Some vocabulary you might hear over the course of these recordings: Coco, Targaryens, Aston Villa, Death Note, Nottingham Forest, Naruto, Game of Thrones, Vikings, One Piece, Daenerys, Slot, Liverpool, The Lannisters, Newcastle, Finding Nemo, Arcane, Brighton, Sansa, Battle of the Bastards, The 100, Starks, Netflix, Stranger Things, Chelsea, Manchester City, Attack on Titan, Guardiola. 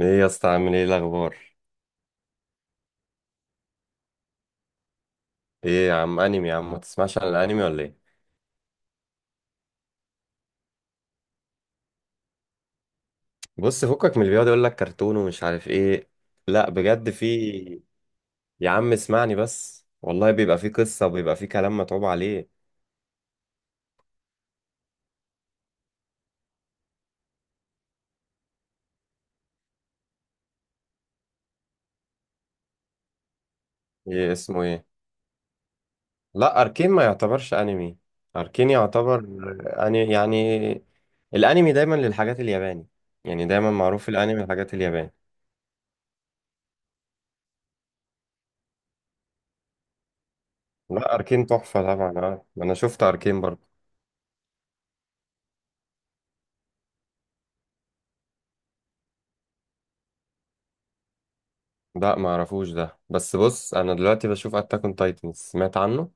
ايه يا اسطى، عامل ايه الاخبار؟ ايه يا عم، انمي يا عم، ما تسمعش عن الانمي ولا ايه؟ بص، فكك من اللي بيقعد يقول لك كرتون ومش عارف ايه. لا بجد في. يا عم اسمعني بس، والله بيبقى في قصه وبيبقى في كلام متعوب عليه. ايه اسمه، ايه؟ لا، اركين ما يعتبرش انمي. اركين يعتبر اني يعني الانمي دايما للحاجات الياباني. يعني دايما معروف الانمي الحاجات الياباني. لا، اركين تحفه طبعا، اه انا شفت اركين برضه. لا ما اعرفوش ده، بس بص، انا دلوقتي بشوف اتاك اون تايتنز، سمعت عنه؟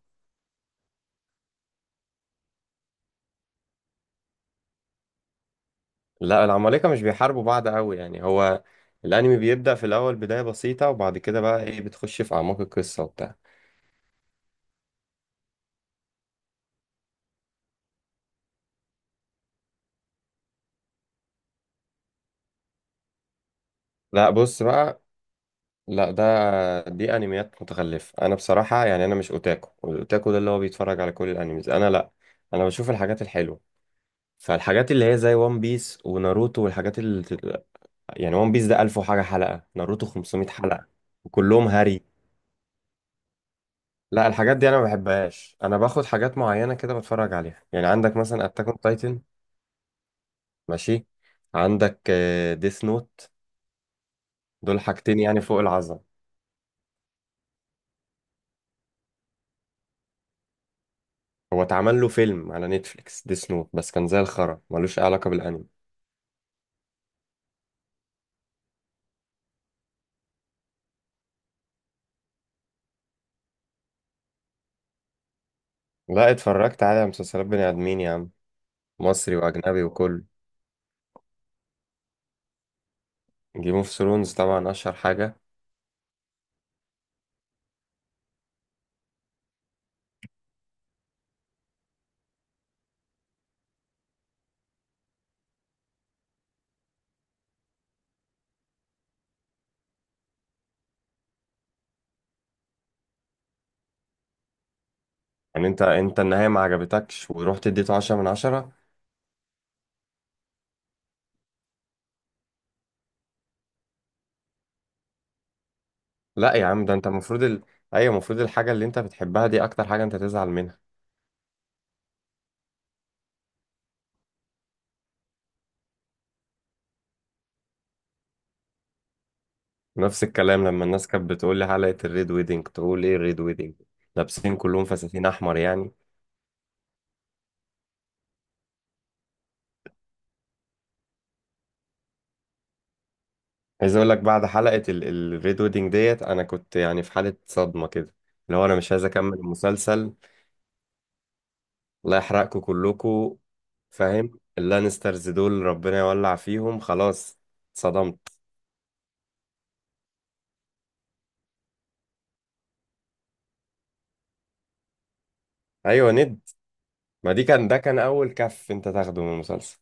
لا العمالقه مش بيحاربوا بعض قوي، يعني هو الانمي بيبدا في الاول بدايه بسيطه، وبعد كده بقى ايه، بتخش في اعماق القصه وبتاع. لا بص بقى. لا، دي انميات متخلفه. انا بصراحه يعني انا مش اوتاكو، والاوتاكو ده اللي هو بيتفرج على كل الانميز، انا لا. انا بشوف الحاجات الحلوه، فالحاجات اللي هي زي وان بيس وناروتو، والحاجات اللي يعني وان بيس ده 1000 وحاجه حلقه، ناروتو 500 حلقه، وكلهم هري. لا، الحاجات دي انا ما بحبهاش، انا باخد حاجات معينه كده بتفرج عليها، يعني عندك مثلا اتاك اون تايتن. ماشي. عندك ديث نوت. دول حاجتين يعني فوق العظمه. هو اتعمل له فيلم على نتفليكس ديث نوت، بس كان زي الخرا، ملوش اي علاقه بالانمي. لا، اتفرجت على مسلسلات بني ادمين يا عم، مصري واجنبي وكل. جيم اوف ثرونز طبعا اشهر حاجه. يعني انت النهايه ما عجبتكش ورحت اديته 10 من 10؟ لا يا عم، ده انت المفروض ال... ايوه، المفروض الحاجه اللي انت بتحبها دي اكتر حاجه انت تزعل منها. نفس الكلام لما الناس كانت بتقول لي حلقة الريد ويدنج، تقول ايه الريد ويدنج؟ لابسين كلهم فساتين احمر يعني؟ عايز اقول لك بعد حلقة الريد ويدنج ديت، انا كنت يعني في حالة صدمة كده، اللي هو انا مش عايز اكمل المسلسل. الله يحرقكم كلكم. فاهم اللانسترز دول، ربنا يولع فيهم خلاص. صدمت. ايوه ند. ما دي كان ده كان اول كف انت تاخده من المسلسل.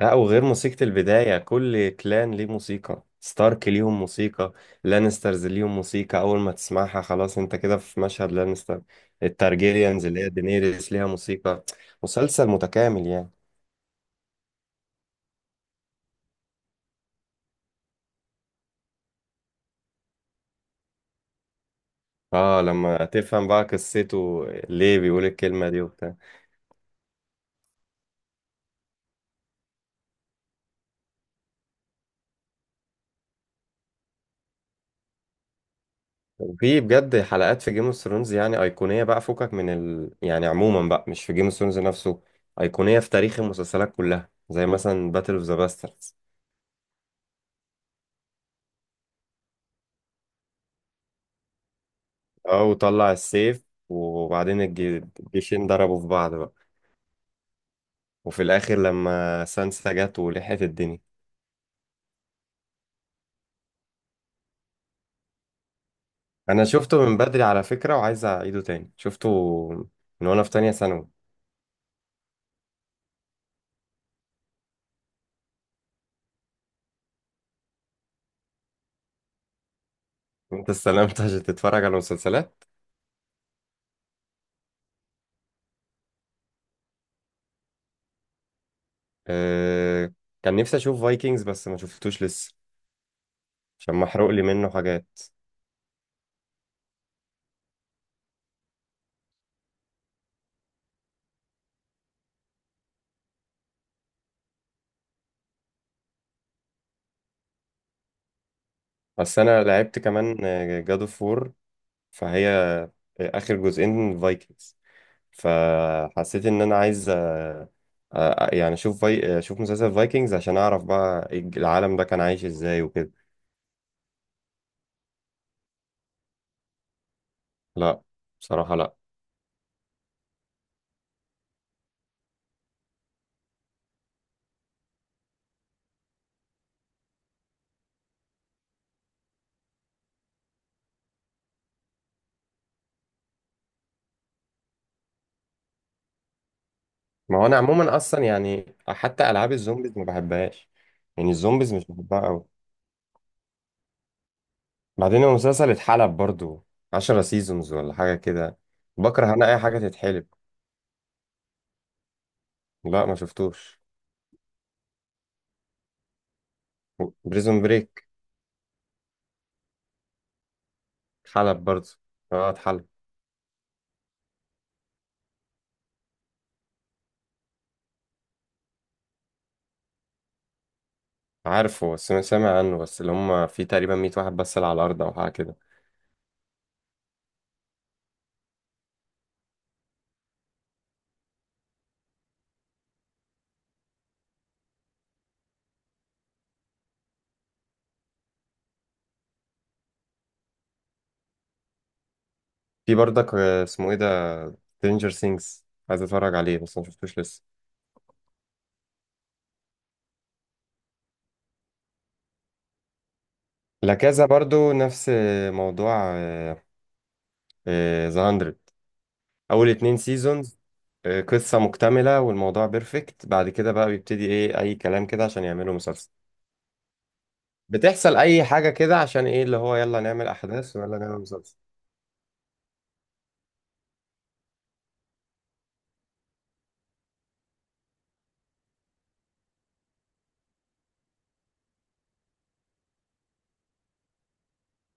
لا، وغير موسيقى البداية، كل كلان ليه موسيقى، ستارك ليهم موسيقى، لانسترز ليهم موسيقى، أول ما تسمعها خلاص أنت كده في مشهد لانستر. التارجيريانز اللي هي دينيريس ليها موسيقى. مسلسل متكامل يعني. اه، لما تفهم بقى قصته ليه بيقول الكلمة دي وبتاع. وفي بجد حلقات في جيم اوف ثرونز يعني أيقونية بقى، فكك من يعني عموما بقى، مش في جيم اوف ثرونز نفسه، أيقونية في تاريخ المسلسلات كلها، زي مثلا باتل اوف ذا باسترز. اه، وطلع السيف، وبعدين الجيشين ضربوا في بعض بقى. وفي الاخر لما سانسا جت ولحقت الدنيا. انا شفته من بدري على فكرة، وعايز اعيده تاني، شفته من وانا في تانية ثانوي. انت استلمت عشان تتفرج على مسلسلات؟ أه، كان نفسي اشوف فايكنجز بس ما شفتوش لسه، عشان محروق لي منه حاجات. بس انا لعبت كمان جاد اوف وور، فهي اخر جزئين فايكنجز، فحسيت ان انا عايز يعني اشوف اشوف مسلسل فايكنجز عشان اعرف بقى العالم ده كان عايش ازاي وكده. لا بصراحة لا. ما هو انا عموما اصلا يعني حتى العاب الزومبيز ما بحبهاش، يعني الزومبيز مش بحبها قوي. بعدين المسلسل اتحلب برضو، 10 سيزونز ولا حاجة كده. بكره انا اي حاجة تتحلب. لا ما شفتوش بريزون بريك، اتحلب برضو؟ اه، اتحلب. عارفه، بس سامع عنه، بس اللي هم في تقريبا 100 واحد بس اللي على الارض او حاجة كده. في برضك اسمه ايه ده؟ Stranger Things. عايز اتفرج عليه بس ما شفتوش لسه. لا، كذا برضو نفس موضوع ذا 100. اول اتنين سيزونز قصة مكتملة والموضوع بيرفكت، بعد كده بقى بيبتدي ايه، اي كلام كده عشان يعملوا مسلسل. بتحصل اي حاجة كده عشان ايه، اللي هو يلا نعمل احداث ويلا نعمل مسلسل.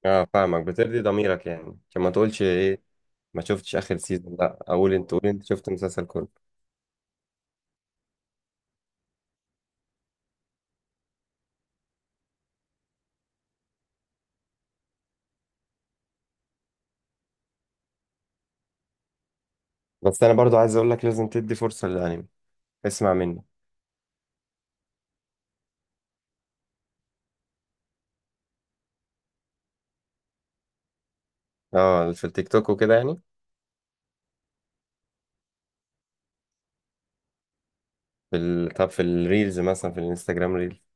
اه فاهمك، بترضي ضميرك يعني عشان ما تقولش ايه ما شفتش اخر سيزون، لا اقول انت، قول انت شفت المسلسل كله. بس انا برضو عايز اقول لك لازم تدي فرصة للانمي، اسمع مني. اه، في التيك توك وكده يعني. في طب في الريلز مثلا، في الانستجرام ريلز.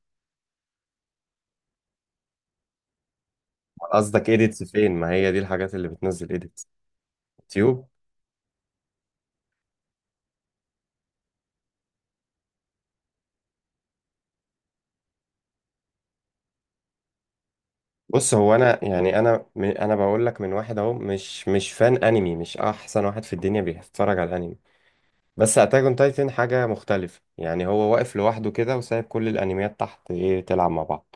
قصدك ايديتس فين؟ ما هي دي الحاجات اللي بتنزل ايديتس. يوتيوب. بص هو انا يعني انا انا بقول لك من واحد اهو، مش فان انمي، مش احسن واحد في الدنيا بيتفرج على الانمي، بس اتاك اون تايتن حاجه مختلفه، يعني هو واقف لوحده كده وسايب كل الانميات تحت ايه تلعب مع بعض.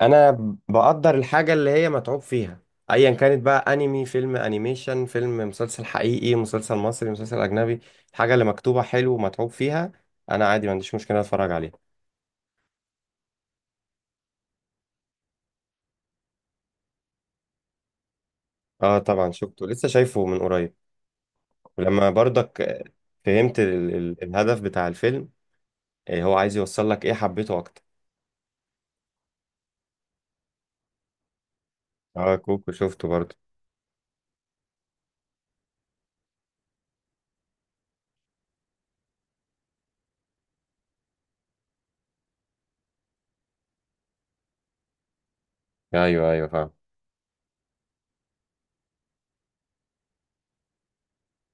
انا بقدر الحاجه اللي هي متعوب فيها، ايا كانت بقى انمي، فيلم انيميشن، فيلم، مسلسل حقيقي، مسلسل مصري، مسلسل اجنبي. الحاجه اللي مكتوبه حلو ومتعوب فيها، انا عادي ما عنديش مشكله اتفرج عليها. اه طبعا شفته، لسه شايفه من قريب. ولما برضك فهمت ال الهدف بتاع الفيلم، هو عايز يوصل لك ايه، حبيته اكتر. اه، كوكو شفته برضه. ايوه ايوه فاهم.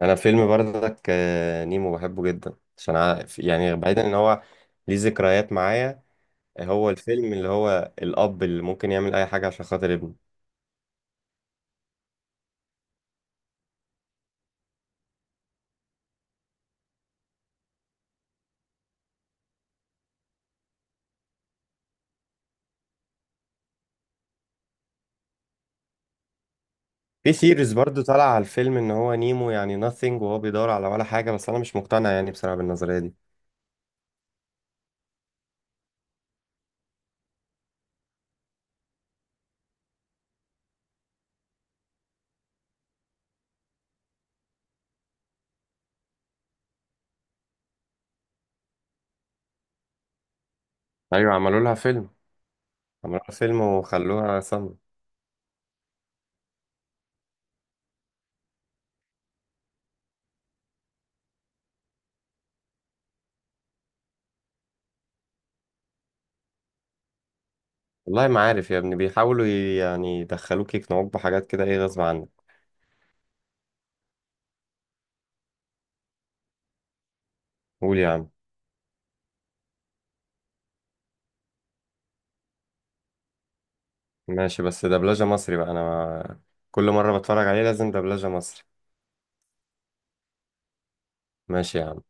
انا فيلم برضك نيمو بحبه جدا، عشان يعني بعيدا ان هو ليه ذكريات معايا. هو الفيلم اللي هو الأب اللي ممكن يعمل أي حاجة عشان خاطر ابنه. في سيريز برضو طالع على الفيلم إن هو نيمو يعني nothing، وهو بيدور على ولا حاجة، بس أنا مش مقتنع يعني بصراحة بالنظرية دي. أيوة، عملوا لها فيلم. عملوا لها فيلم وخلوها صم. والله ما عارف يا ابني، بيحاولوا يعني يدخلوك يقنعوك بحاجات كده إيه غصب عنك. قول يا عم. ماشي، بس دبلجة مصري بقى، أنا كل مرة بتفرج عليه لازم دبلجة مصري. ماشي يا عم.